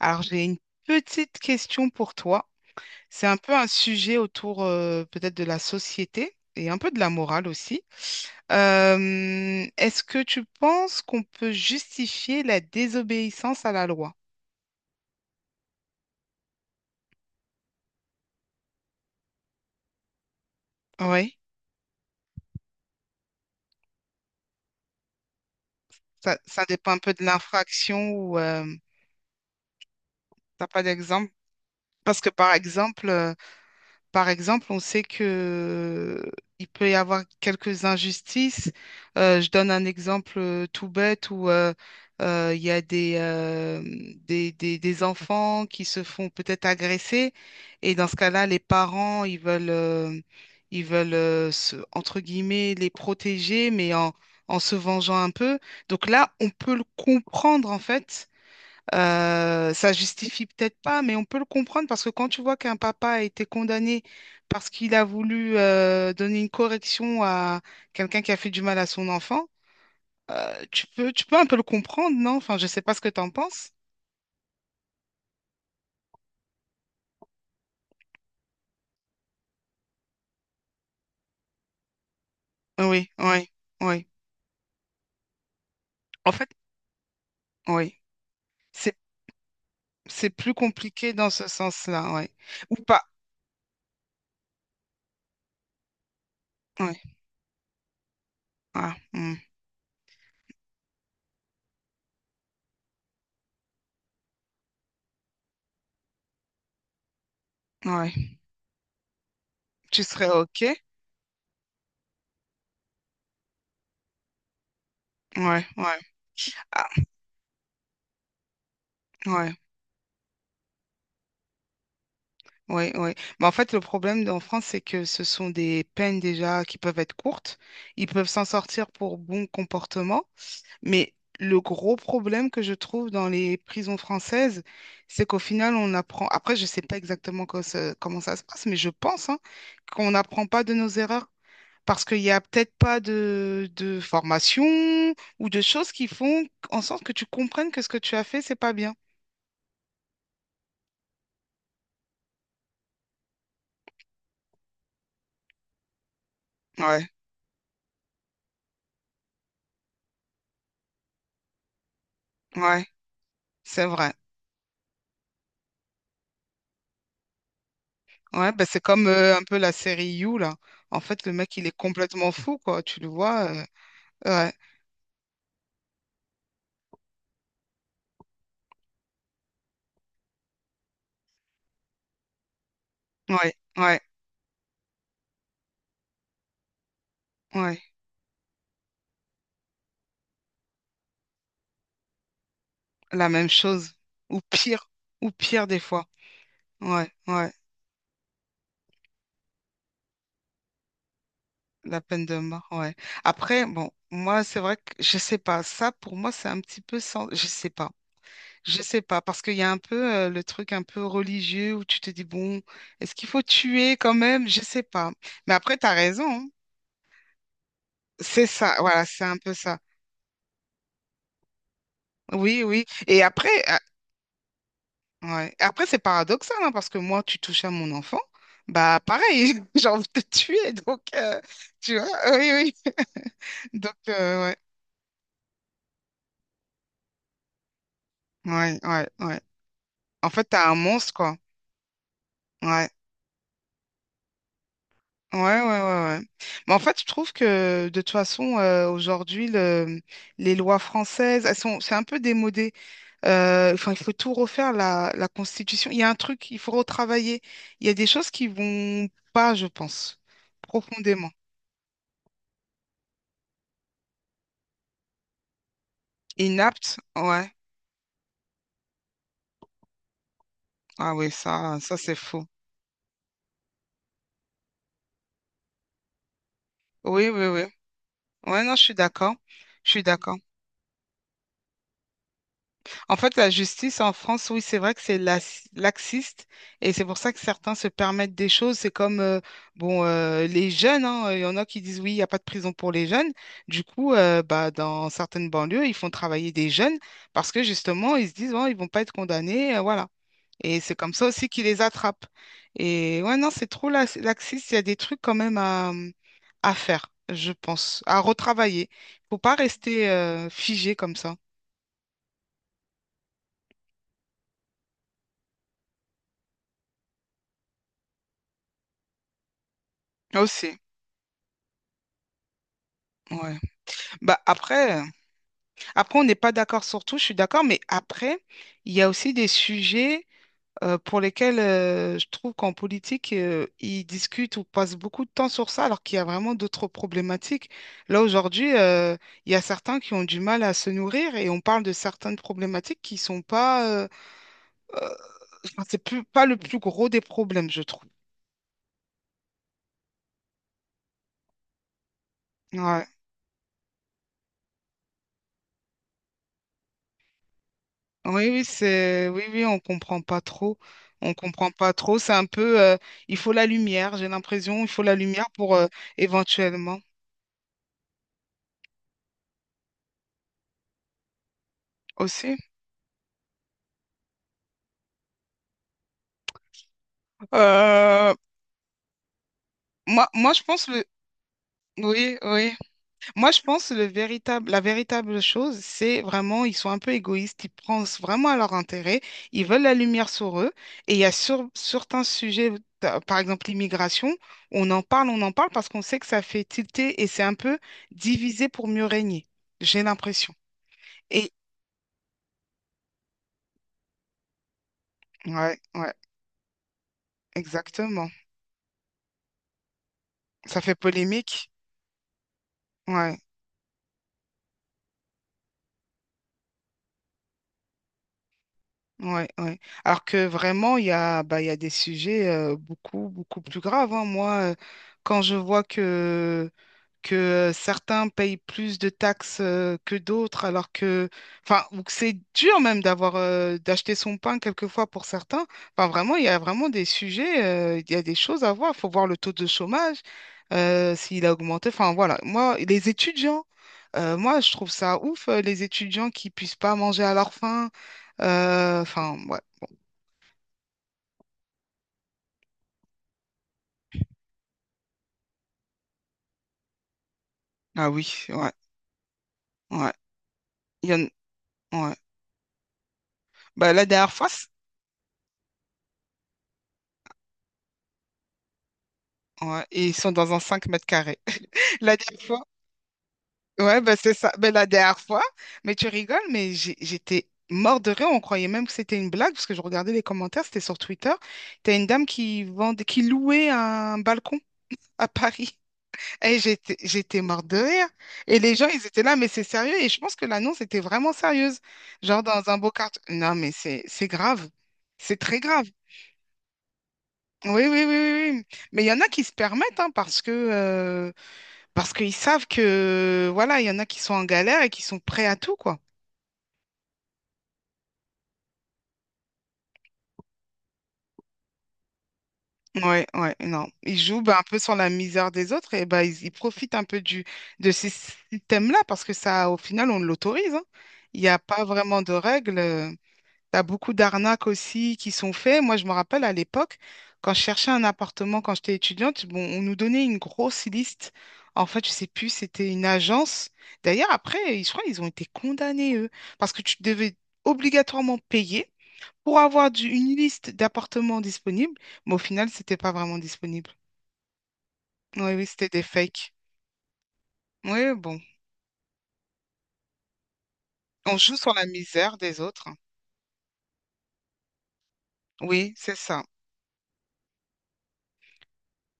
Alors, j'ai une petite question pour toi. C'est un peu un sujet autour peut-être de la société et un peu de la morale aussi. Est-ce que tu penses qu'on peut justifier la désobéissance à la loi? Oui, ça dépend un peu de l'infraction ou t'as pas d'exemple? Parce que par exemple, euh, Par exemple, on sait que euh, il peut y avoir quelques injustices. Je donne un exemple tout bête où il y a des enfants qui se font peut-être agresser et dans ce cas-là, les parents, ils veulent, entre guillemets, les protéger, mais en se vengeant un peu. Donc là, on peut le comprendre en fait ça justifie peut-être pas, mais on peut le comprendre parce que quand tu vois qu'un papa a été condamné parce qu'il a voulu donner une correction à quelqu'un qui a fait du mal à son enfant, tu peux un peu le comprendre, non? Enfin, je sais pas ce que tu en penses. Oui, oui, oui. En fait, oui. C'est, c'est plus compliqué dans ce sens-là, oui. Ou pas. Oui. Ah, hmm, ouais. Tu serais OK? Ouais, ouais. Ah, ouais. Oui, oui. Mais en fait, le problème en France, c'est que ce sont des peines déjà qui peuvent être courtes. Ils peuvent s'en sortir pour bon comportement. Mais le gros problème que je trouve dans les prisons françaises, c'est qu'au final, on apprend. Après, je ne sais pas exactement comment ça se passe, mais je pense hein, qu'on n'apprend pas de nos erreurs. Parce qu'il n'y a peut-être pas de formation ou de choses qui font en sorte que tu comprennes que ce que tu as fait, c'est pas bien. Ouais, ouais, c'est vrai. Ouais, bah c'est comme un peu la série You, là. En fait, le mec, il est complètement fou, quoi. Tu le vois. Ouais, ouais, ouais, ouais. La même chose. Ou pire. Ou pire, des fois. Ouais, ouais. La peine de mort, ouais. Après, bon, moi, c'est vrai que je sais pas. Ça, pour moi, c'est un petit peu sans. Je sais pas. Je sais pas. Parce qu'il y a un peu le truc un peu religieux où tu te dis, bon, est-ce qu'il faut tuer quand même? Je sais pas. Mais après, t'as raison, hein. C'est ça. Voilà, c'est un peu ça. Oui, oui. Et après, ouais. Et après, c'est paradoxal, hein, parce que moi, tu touches à mon enfant, bah pareil, j'ai envie de te tuer, donc tu vois, oui, oui. Donc, ouais, ouais, ouais, ouais. En fait, t'as un monstre, quoi. Ouais, ouais, ouais, ouais, ouais. Mais en fait, je trouve que de toute façon, aujourd'hui, les lois françaises, elles sont, c'est un peu démodé. Enfin, il faut tout refaire, la Constitution. Il y a un truc, il faut retravailler. Il y a des choses qui vont pas, je pense, profondément. Inaptes, ouais. Ah oui, ça c'est fou. Oui, oui, oui. Ouais, non, je suis d'accord. Je suis d'accord. En fait, la justice en France, oui, c'est vrai que c'est laxiste et c'est pour ça que certains se permettent des choses. C'est comme, bon, les jeunes, hein, il y en a qui disent, oui, il n'y a pas de prison pour les jeunes. Du coup, bah, dans certaines banlieues, ils font travailler des jeunes parce que justement, ils se disent, bon, ils vont pas être condamnés, voilà. Et c'est comme ça aussi qu'ils les attrapent. Et ouais, non, c'est trop laxiste. Il y a des trucs quand même à faire, je pense, à retravailler. Faut pas rester figé comme ça. Aussi, ouais. Bah après, après on n'est pas d'accord sur tout, je suis d'accord, mais après, il y a aussi des sujets pour lesquels je trouve qu'en politique, ils discutent ou passent beaucoup de temps sur ça, alors qu'il y a vraiment d'autres problématiques. Là, aujourd'hui, il y a certains qui ont du mal à se nourrir et on parle de certaines problématiques qui sont pas, euh, enfin, c'est plus, pas le plus gros des problèmes, je trouve. Ouais. Oui, oui, oui, oui, on comprend pas trop. On comprend pas trop. C'est un peu, il faut la lumière, j'ai l'impression, il faut la lumière pour éventuellement aussi. Euh, moi, je pense oui, oui. Moi, je pense que la véritable chose, c'est vraiment, ils sont un peu égoïstes, ils pensent vraiment à leur intérêt, ils veulent la lumière sur eux. Et il y a certains sujets, par exemple l'immigration, on en parle parce qu'on sait que ça fait tilter et c'est un peu divisé pour mieux régner, j'ai l'impression. Et ouais, ouais, exactement. Ça fait polémique. Ouais, ouais, ouais. Alors que vraiment, il y a des sujets beaucoup, beaucoup plus graves, hein. Moi, quand je vois que que certains payent plus de taxes que d'autres, alors que, enfin, ou que c'est dur même d'avoir d'acheter son pain quelquefois pour certains. Enfin, vraiment, il y a vraiment des sujets, il y a des choses à voir. Il faut voir le taux de chômage, s'il a augmenté. Enfin, voilà. Moi, les étudiants, moi, je trouve ça ouf, les étudiants qui puissent pas manger à leur faim. Enfin, ouais. Ah oui, ouais, ouais. Il y en. Ouais. Bah, la dernière fois, ouais. Et ils sont dans un 5 m². La dernière fois, ouais, ben c'est ça. Ben la dernière fois, mais tu rigoles, mais j'étais mort de rire. On croyait même que c'était une blague parce que je regardais les commentaires, c'était sur Twitter. T'as une dame qui vendait, qui louait un balcon à Paris. Et j'étais mort de rire. Et les gens, ils étaient là, mais c'est sérieux. Et je pense que l'annonce était vraiment sérieuse. Genre dans un beau quartier. Non, mais c'est grave. C'est très grave. Oui, oui, oui, oui, oui. Mais il y en a qui se permettent, hein, parce qu'ils savent que voilà, il y en a qui sont en galère et qui sont prêts à tout, quoi. Ouais, ouais, non. Ils jouent bah, un peu sur la misère des autres et bah, ils profitent un peu de ces systèmes-là parce que ça, au final, on l'autorise, hein. Il n'y a pas vraiment de règles. T'as beaucoup d'arnaques aussi qui sont faites. Moi, je me rappelle à l'époque, quand je cherchais un appartement quand j'étais étudiante, bon, on nous donnait une grosse liste. En fait, je sais plus, c'était une agence. D'ailleurs, après, je crois qu'ils ont été condamnés, eux, parce que tu devais obligatoirement payer pour avoir une liste d'appartements disponibles, mais au final, c'était pas vraiment disponible. Oui, oui, c'était des fakes. Oui, bon, on joue sur la misère des autres. Oui, c'est ça.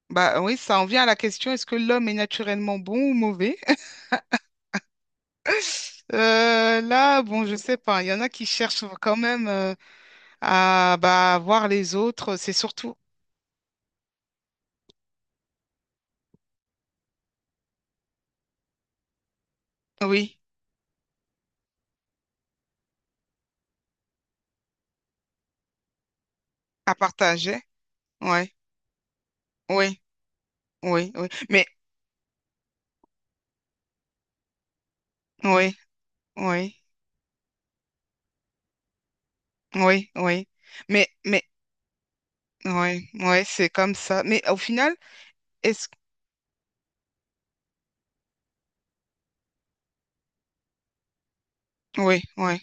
Bah oui, ça en vient à la question, est-ce que l'homme est naturellement bon ou mauvais? Là, bon, je sais pas. Il y en a qui cherchent quand même à bah, voir les autres. C'est surtout, oui, à partager. Ouais, oui, oui, oui. Mais, oui, oui, oui, oui. Mais, oui, oui, c'est comme ça. Mais au final, est-ce. Oui, oui,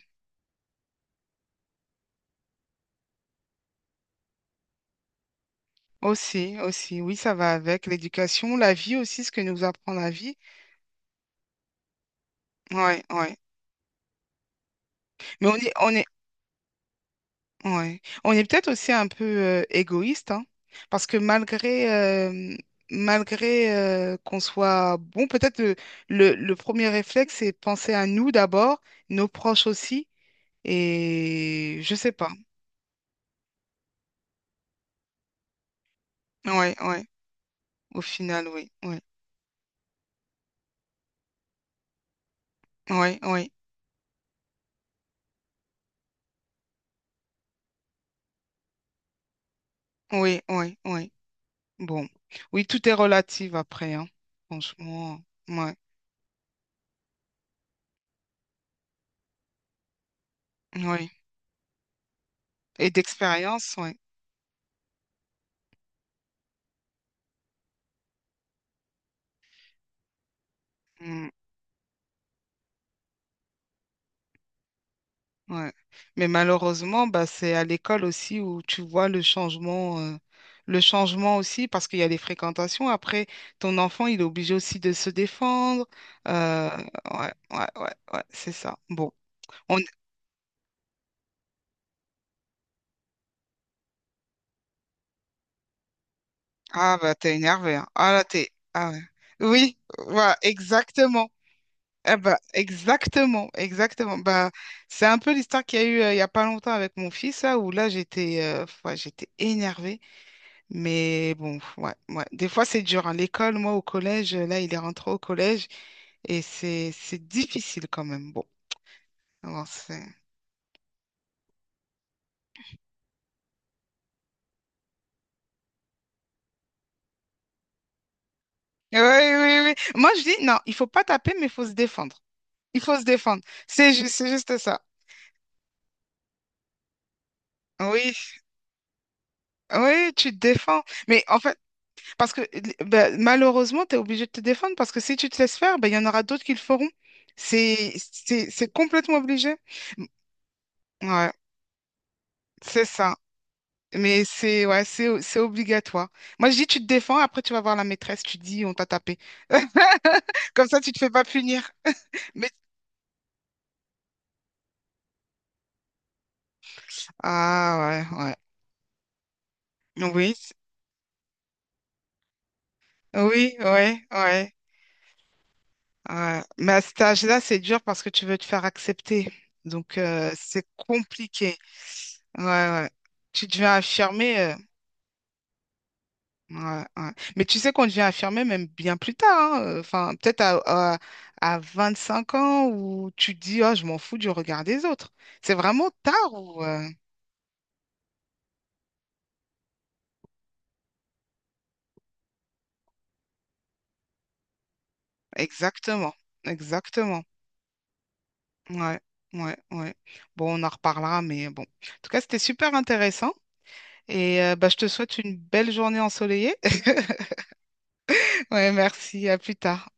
aussi, aussi, oui, ça va avec l'éducation, la vie aussi, ce que nous apprend la vie. Ouais, ouais. Mais on est, ouais. On est peut-être aussi un peu égoïste, hein, parce que malgré qu'on soit bon, peut-être le premier réflexe, c'est de penser à nous d'abord, nos proches aussi, et je sais pas. Ouais, ouais. Au final, oui, oui, oui, oui, oui, oui, oui. Bon, oui, tout est relatif après, hein. Franchement, ouais, oui. Et d'expérience, ouais. Mm, ouais. Mais malheureusement, bah, c'est à l'école aussi où tu vois le changement aussi, parce qu'il y a les fréquentations. Après, ton enfant, il est obligé aussi de se défendre. Euh, ouais, ouais, ouais, ouais, c'est ça. Bon, on. Ah, bah, t'es énervé, hein. Ah, là, t'es. Ah, ouais. Oui, voilà, exactement. Eh ben, exactement, exactement. Bah, c'est un peu l'histoire qu'il y a eu il y a pas longtemps avec mon fils, là, où là, j'étais ouais, j'étais énervée. Mais bon, ouais, ouais. Des fois, c'est dur, hein. L'école, moi, au collège, là, il est rentré au collège et c'est difficile quand même. Bon, alors c'est. Oui, oui, oui. Moi, je dis, non, il faut pas taper, mais il faut se défendre. Il faut se défendre. C'est juste ça. Oui, oui, tu te défends. Mais en fait, parce que bah, malheureusement, tu es obligé de te défendre parce que si tu te laisses faire, ben il y en aura d'autres qui le feront. C'est complètement obligé. Ouais, c'est ça. Mais c'est ouais, c'est obligatoire. Moi, je dis, tu te défends, après tu vas voir la maîtresse, tu dis, on t'a tapé. Comme ça, tu te fais pas punir. Mais. Ah ouais, ouais. Oui, oui, ouais, ouais, ouais. Mais à cet âge-là, c'est dur parce que tu veux te faire accepter. Donc, c'est compliqué. Ouais, ouais. Tu deviens affirmé. Ouais, ouais. Mais tu sais qu'on devient infirmier même bien plus tard, hein, enfin, peut-être à, 5 ans où tu te dis, oh, je m'en fous du regard des autres. C'est vraiment tard ou. Exactement, exactement. Ouais, ouais, ouais. Bon, on en reparlera, mais bon. En tout cas, c'était super intéressant et bah, je te souhaite une belle journée ensoleillée. Ouais, merci, à plus tard.